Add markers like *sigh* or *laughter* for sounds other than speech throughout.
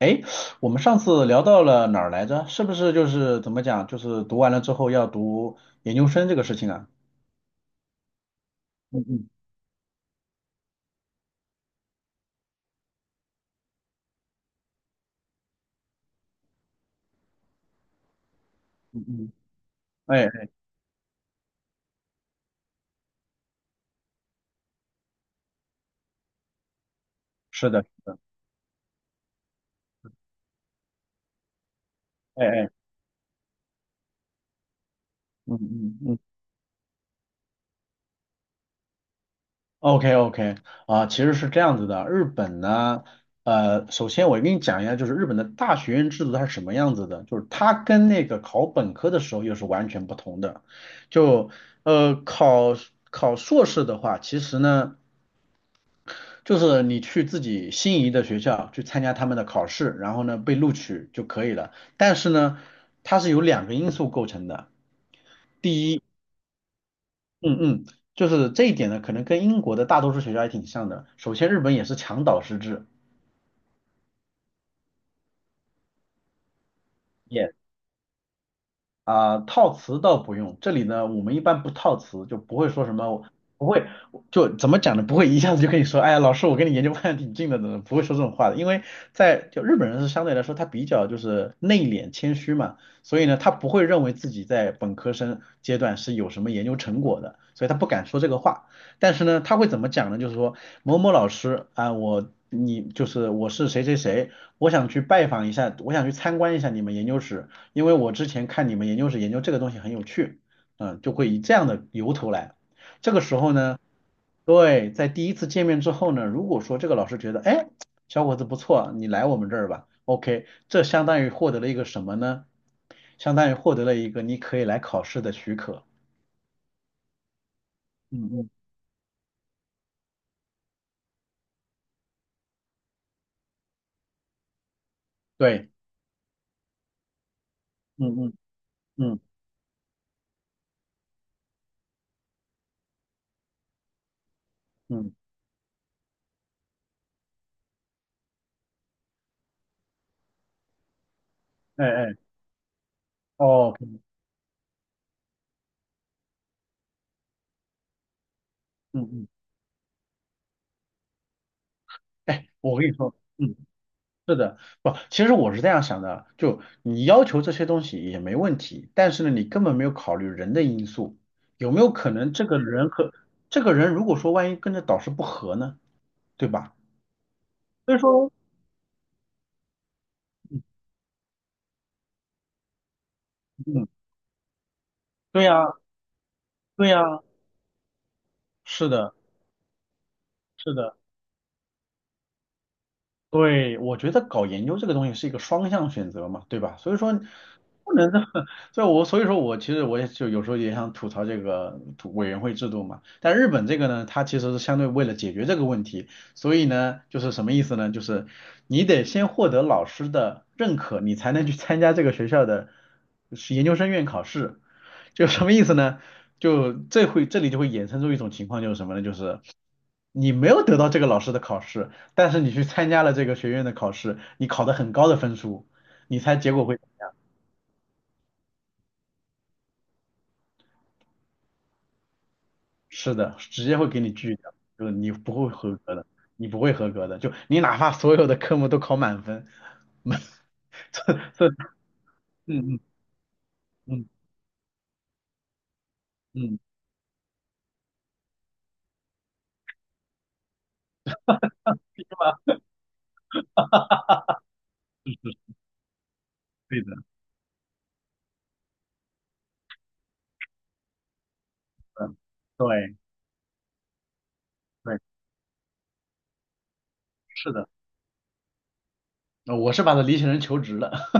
哎，我们上次聊到了哪儿来着？是不是就是怎么讲，就是读完了之后要读研究生这个事情啊？嗯嗯嗯嗯。哎，是的。哎哎。嗯嗯嗯。OK OK。啊，其实是这样子的，日本呢，首先我跟你讲一下，就是日本的大学院制度它是什么样子的，就是它跟那个考本科的时候又是完全不同的，就呃考考硕士的话，其实呢，就是你去自己心仪的学校去参加他们的考试，然后呢被录取就可以了。但是呢，它是由两个因素构成的。第一，嗯嗯，就是这一点呢，可能跟英国的大多数学校还挺像的。首先，日本也是强导师制。啊、套词倒不用，这里呢，我们一般不套词，就不会说什么，不会，就怎么讲呢？不会一下子就跟你说，哎呀，老师，我跟你研究方向挺近的，怎么不会说这种话的？因为就日本人是相对来说他比较就是内敛谦虚嘛，所以呢，他不会认为自己在本科生阶段是有什么研究成果的，所以他不敢说这个话。但是呢，他会怎么讲呢？就是说某某老师啊，我你就是我是谁谁谁，我想去拜访一下，我想去参观一下你们研究室。因为我之前看你们研究室研究这个东西很有趣，嗯，就会以这样的由头来。这个时候呢，对，在第一次见面之后呢，如果说这个老师觉得，哎，小伙子不错，你来我们这儿吧，OK,这相当于获得了一个什么呢？相当于获得了一个你可以来考试的许可。嗯嗯。对。嗯嗯嗯嗯。哎哎哦。嗯嗯。哎，我跟你说，嗯。是的。不，其实我是这样想的，就你要求这些东西也没问题，但是呢，你根本没有考虑人的因素，有没有可能这个人和这个人如果说万一跟着导师不合呢，对吧？所以说，嗯，对呀，对呀，是的，是的。对，我觉得搞研究这个东西是一个双向选择嘛，对吧？所以说不能这么，*laughs* 所以说我其实我也就有时候也想吐槽这个委员会制度嘛。但日本这个呢，它其实是相对为了解决这个问题，所以呢，就是什么意思呢？就是你得先获得老师的认可，你才能去参加这个学校的是研究生院考试。就什么意思呢？就这会这里就会衍生出一种情况，就是什么呢？就是你没有得到这个老师的考试。但是你去参加了这个学院的考试，你考得很高的分数，你猜结果会是的，直接会给你拒掉，就是你不会合格的，你不会合格的，就你哪怕所有的科目都考满分，嗯嗯嗯嗯，对的，对对，是的。我是把它理解成求职了。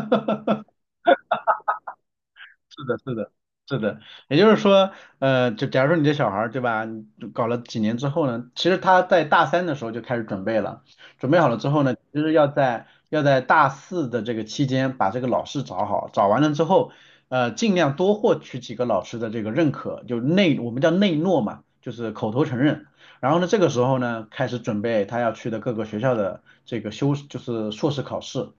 是的，是的，是的，也就是说，就假如说你这小孩儿，对吧？你搞了几年之后呢，其实他在大三的时候就开始准备了，准备好了之后呢，其实要在大四的这个期间把这个老师找好，找完了之后，尽量多获取几个老师的这个认可，就内我们叫内诺嘛，就是口头承认。然后呢，这个时候呢，开始准备他要去的各个学校的这个修，就是硕士考试。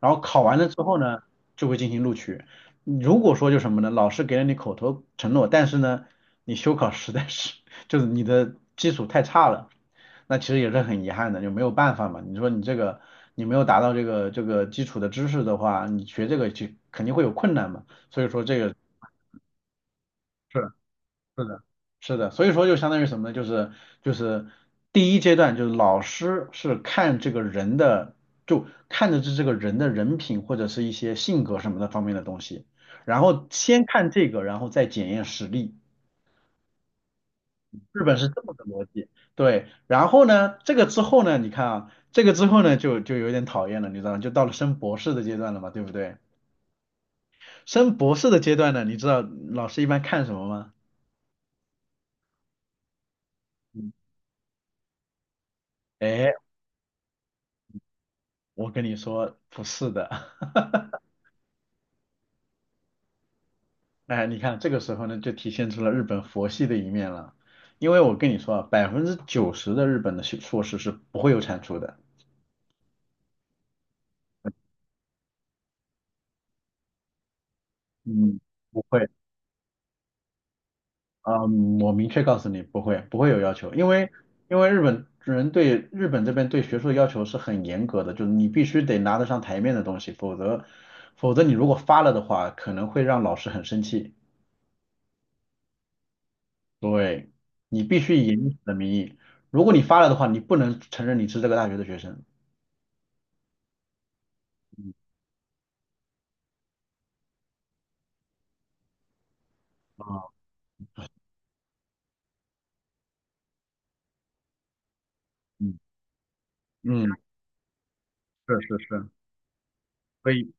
然后考完了之后呢，就会进行录取。如果说就什么呢，老师给了你口头承诺，但是呢，你修考实在是 *laughs* 就是你的基础太差了，那其实也是很遗憾的，就没有办法嘛。你说你这个你没有达到这个基础的知识的话，你学这个就肯定会有困难嘛。所以说这个是。是的，是的，所以说就相当于什么呢？就是第一阶段，就是老师是看这个人的，就看的是这个人的人品或者是一些性格什么的方面的东西，然后先看这个，然后再检验实力。日本是这么个逻辑，对。然后呢，这个之后呢，你看啊，这个之后呢，就有点讨厌了，你知道吗？就到了升博士的阶段了嘛，对不对？升博士的阶段呢，你知道老师一般看什么吗？嗯。哎，我跟你说，不是的。*laughs* 哎，你看这个时候呢，就体现出了日本佛系的一面了。因为我跟你说啊，90%的日本的学硕士是不会有产出的。嗯，不会。啊，我明确告诉你，不会，不会有要求，因为日本人对日本这边对学术要求是很严格的，就是你必须得拿得上台面的东西，否则你如果发了的话，可能会让老师很生气。对，你必须以你的名义，如果你发了的话，你不能承认你是这个大学的学生。啊，嗯嗯。是是是。所以，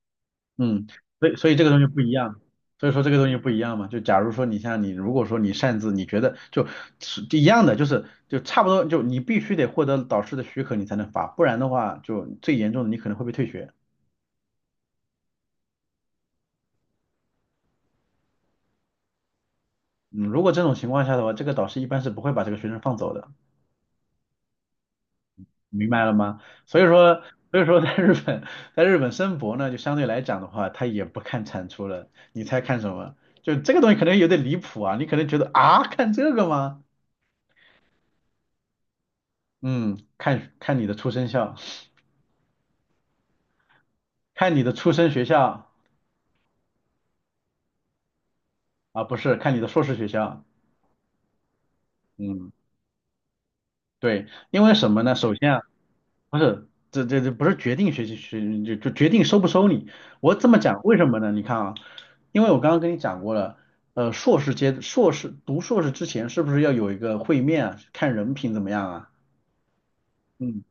嗯，所以这个东西不一样，所以说这个东西不一样嘛。就假如说你像你，如果说你擅自，你觉得就是一样的，就是就差不多，就你必须得获得导师的许可，你才能发，不然的话，就最严重的你可能会被退学。嗯，如果这种情况下的话，这个导师一般是不会把这个学生放走的，明白了吗？所以说，所以说在日本，在日本申博呢，就相对来讲的话，他也不看产出了，你猜看什么？就这个东西可能有点离谱啊，你可能觉得啊，看这个吗？嗯，看看你的出生校，看你的出生学校啊，不是看你的硕士学校。嗯，对，因为什么呢？首先啊，不是这不是决定学习学就就决定收不收你。我这么讲，为什么呢？你看啊，因为我刚刚跟你讲过了，硕士阶硕士读硕士之前是不是要有一个会面啊，看人品怎么样啊？嗯。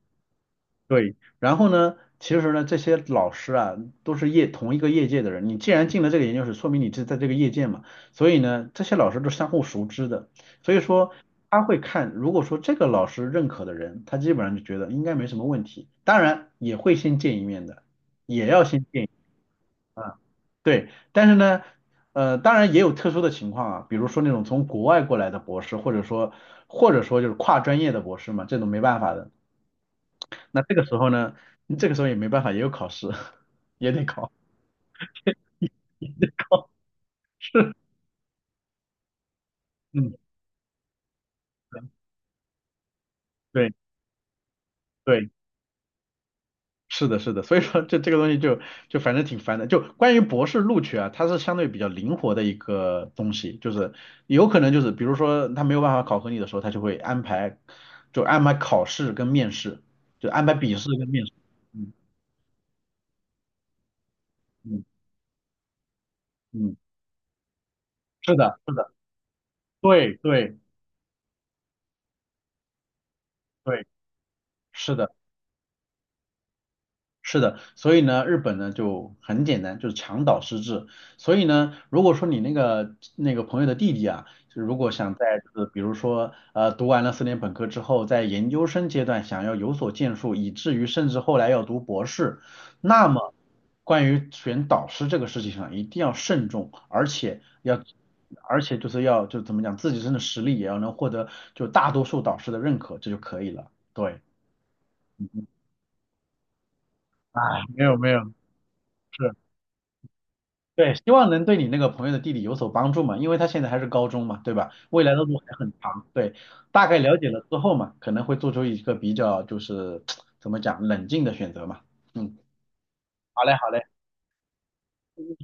对，然后呢，其实呢，这些老师啊，都是同一个业界的人。你既然进了这个研究室，说明你是在这个业界嘛。所以呢，这些老师都是相互熟知的。所以说，他会看，如果说这个老师认可的人，他基本上就觉得应该没什么问题。当然，也会先见一面的，也要先见一对，但是呢，当然也有特殊的情况啊，比如说那种从国外过来的博士，或者说就是跨专业的博士嘛，这种没办法的。那这个时候呢，这个时候也没办法，也有考试，*laughs* 也得考。嗯，对对，是的，是的。所以说这个东西就反正挺烦的。就关于博士录取啊，它是相对比较灵活的一个东西，就是有可能就是比如说他没有办法考核你的时候，他就会安排考试跟面试，就安排笔试跟面试。嗯嗯嗯，是的，是的，对对对，是的。是的，所以呢，日本呢就很简单，就是墙倒失治。所以呢，如果说你那个朋友的弟弟啊，就如果想在就是比如说读完了4年本科之后，在研究生阶段想要有所建树，以至于甚至后来要读博士，那么关于选导师这个事情上一定要慎重，而且就是要就怎么讲，自己真的实力也要能获得就大多数导师的认可，这就可以了。对，哎，没有没有，是。对，希望能对你那个朋友的弟弟有所帮助嘛，因为他现在还是高中嘛，对吧？未来的路还很长，对，大概了解了之后嘛，可能会做出一个比较就是怎么讲冷静的选择嘛。嗯，好嘞，好嘞，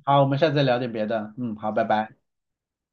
好，我们下次再聊点别的。嗯，好，拜拜。